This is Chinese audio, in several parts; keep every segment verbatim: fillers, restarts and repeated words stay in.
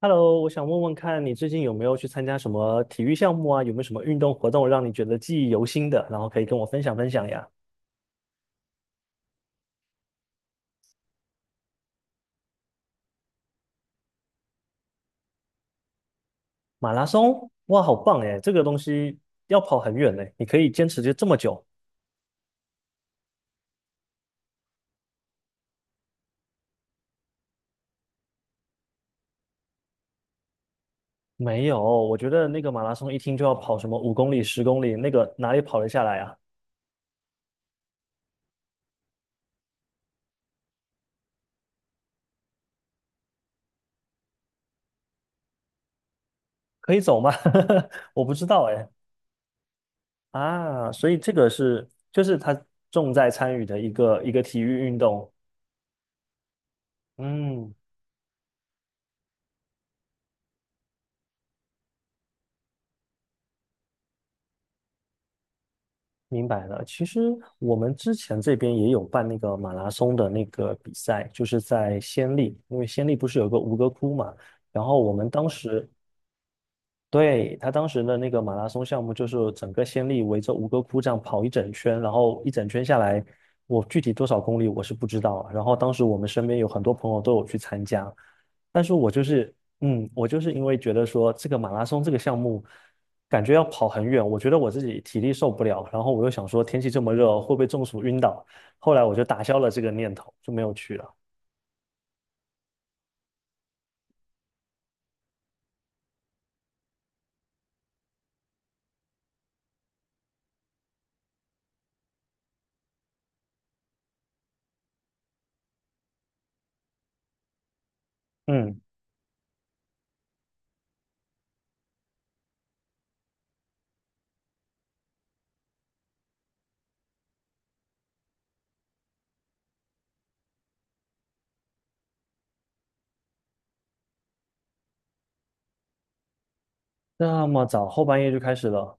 Hello，我想问问看你最近有没有去参加什么体育项目啊？有没有什么运动活动让你觉得记忆犹新的？然后可以跟我分享分享呀。马拉松，哇，好棒哎！这个东西要跑很远呢，你可以坚持就这么久？没有，我觉得那个马拉松一听就要跑什么五公里、十公里，那个哪里跑得下来啊？可以走吗？我不知道哎。啊，所以这个是就是他重在参与的一个一个体育运动。嗯，明白了，其实我们之前这边也有办那个马拉松的那个比赛，就是在暹粒，因为暹粒不是有个吴哥窟嘛，然后我们当时对，他当时的那个马拉松项目，就是整个先例围着吴哥窟这样跑一整圈，然后一整圈下来，我具体多少公里我是不知道。然后当时我们身边有很多朋友都有去参加，但是我就是，嗯，我就是因为觉得说这个马拉松这个项目，感觉要跑很远，我觉得我自己体力受不了，然后我又想说天气这么热会不会中暑晕倒，后来我就打消了这个念头，就没有去了。嗯，那么早后半夜就开始了，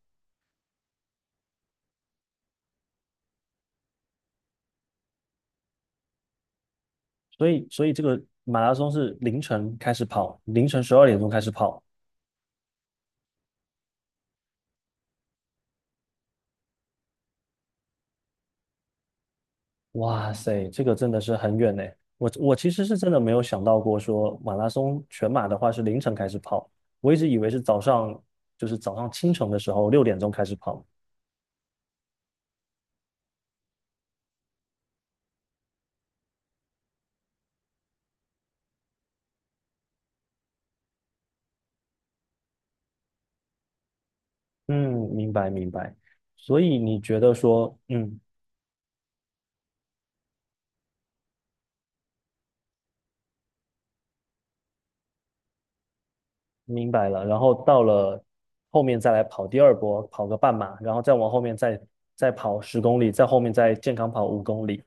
所以所以这个马拉松是凌晨开始跑，凌晨十二点钟开始跑。哇塞，这个真的是很远呢。我我其实是真的没有想到过说马拉松全马的话是凌晨开始跑，我一直以为是早上，就是早上清晨的时候六点钟开始跑。嗯，明白明白。所以你觉得说，嗯，明白了，然后到了后面再来跑第二波，跑个半马，然后再往后面再再跑十公里，再后面再健康跑五公里。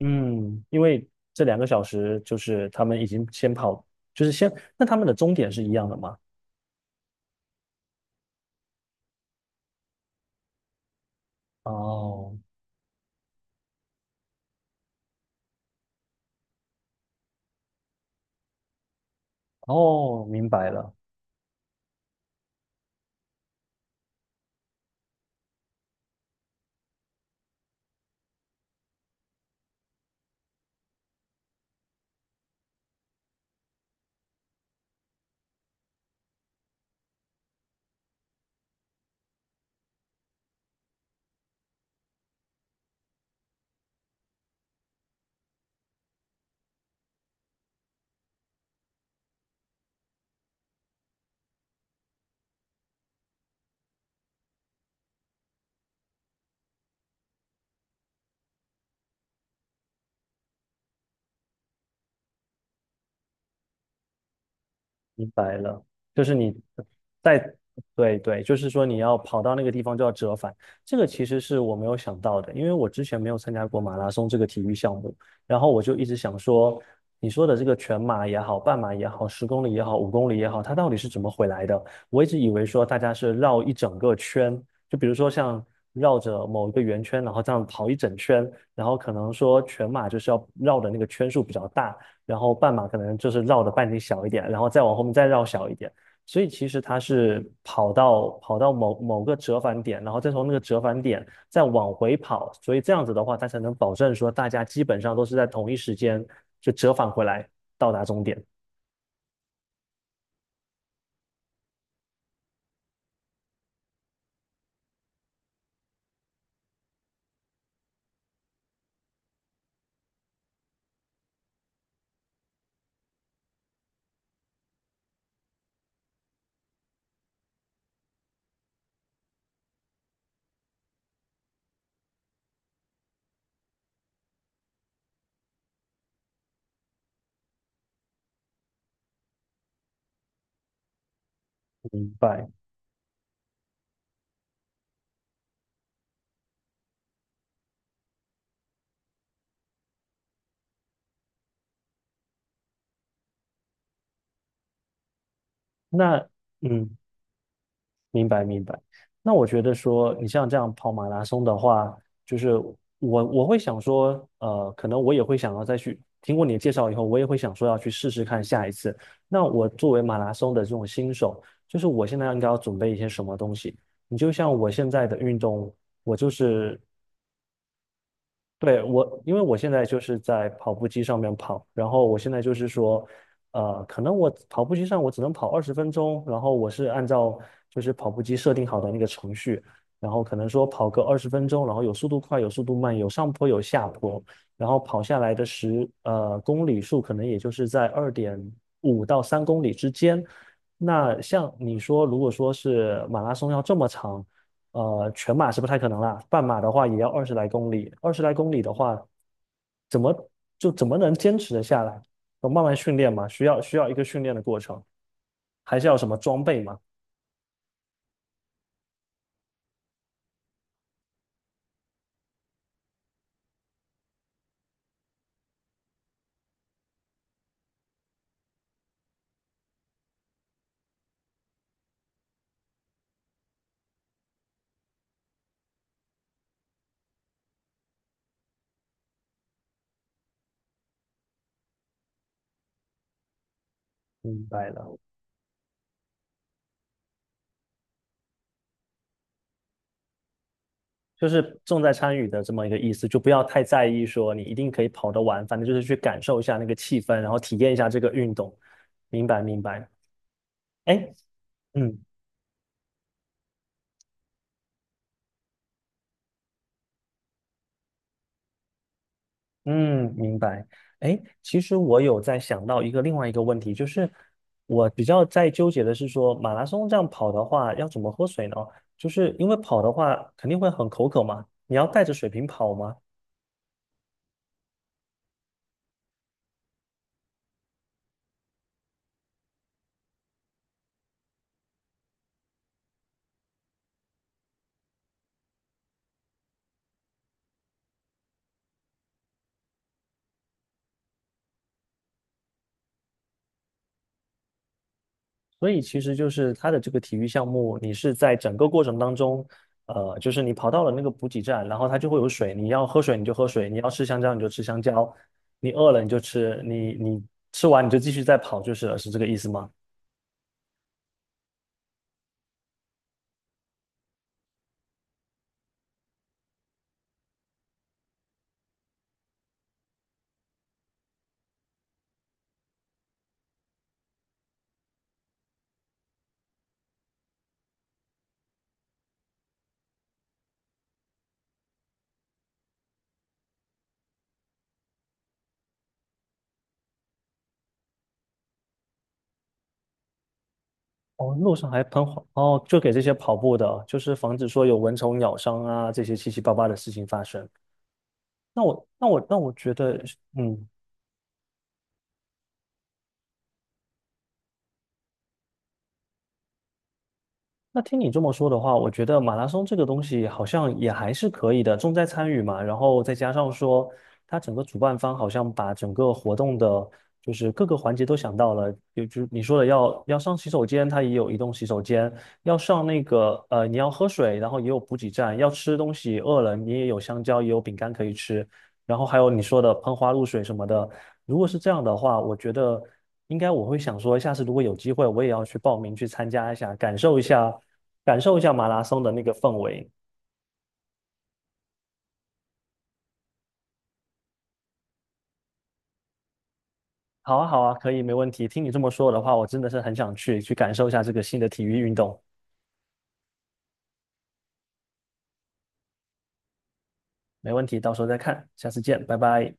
嗯，因为这两个小时就是他们已经先跑，就是先，那他们的终点是一样的吗？哦，哦，明白了。明白了，就是你在，对对，就是说你要跑到那个地方就要折返，这个其实是我没有想到的，因为我之前没有参加过马拉松这个体育项目，然后我就一直想说，你说的这个全马也好，半马也好，十公里也好，五公里也好，它到底是怎么回来的？我一直以为说大家是绕一整个圈，就比如说像绕着某一个圆圈，然后这样跑一整圈，然后可能说全马就是要绕的那个圈数比较大。然后半马可能就是绕的半径小一点，然后再往后面再绕小一点。所以其实它是跑到跑到某某个折返点，然后再从那个折返点再往回跑，所以这样子的话，它才能保证说大家基本上都是在同一时间就折返回来到达终点。明白。那嗯，明白明白。那我觉得说，你像这样跑马拉松的话，就是我我会想说，呃，可能我也会想要再去听过你的介绍以后，我也会想说要去试试看下一次。那我作为马拉松的这种新手，就是我现在应该要准备一些什么东西？你就像我现在的运动，我就是对，我，因为我现在就是在跑步机上面跑，然后我现在就是说，呃，可能我跑步机上我只能跑二十分钟，然后我是按照就是跑步机设定好的那个程序，然后可能说跑个二十分钟，然后有速度快，有速度慢，有上坡有下坡，然后跑下来的十呃公里数可能也就是在二点五到三公里之间。那像你说，如果说是马拉松要这么长。呃，全马是不太可能啦，半马的话也要二十来公里，二十来公里的话，怎么就怎么能坚持的下来？要慢慢训练嘛，需要需要一个训练的过程，还是要有什么装备嘛？明白了，就是重在参与的这么一个意思，就不要太在意说你一定可以跑得完，反正就是去感受一下那个气氛，然后体验一下这个运动。明白明白，哎，嗯，嗯，明白。哎，其实我有在想到一个另外一个问题，就是我比较在纠结的是说，马拉松这样跑的话，要怎么喝水呢？就是因为跑的话肯定会很口渴嘛，你要带着水瓶跑嘛，所以其实就是它的这个体育项目，你是在整个过程当中，呃，就是你跑到了那个补给站，然后它就会有水，你要喝水你就喝水，你要吃香蕉你就吃香蕉，你饿了你就吃，你你吃完你就继续再跑就是了，是这个意思吗？哦，路上还喷火哦，就给这些跑步的，就是防止说有蚊虫咬伤啊，这些七七八八的事情发生。那我那我那我觉得，嗯，那听你这么说的话，我觉得马拉松这个东西好像也还是可以的，重在参与嘛。然后再加上说，它整个主办方好像把整个活动的，就是各个环节都想到了。有就你说的要要上洗手间，它也有移动洗手间；要上那个呃，你要喝水，然后也有补给站；要吃东西，饿了你也有香蕉，也有饼干可以吃。然后还有你说的喷花露水什么的。如果是这样的话，我觉得。应该我会想说，下次如果有机会，我也要去报名去参加一下，感受一下，感受一下马拉松的那个氛围。好啊，好啊，可以，没问题。听你这么说的话，我真的是很想去，去感受一下这个新的体育运动。没问题，到时候再看，下次见，拜拜。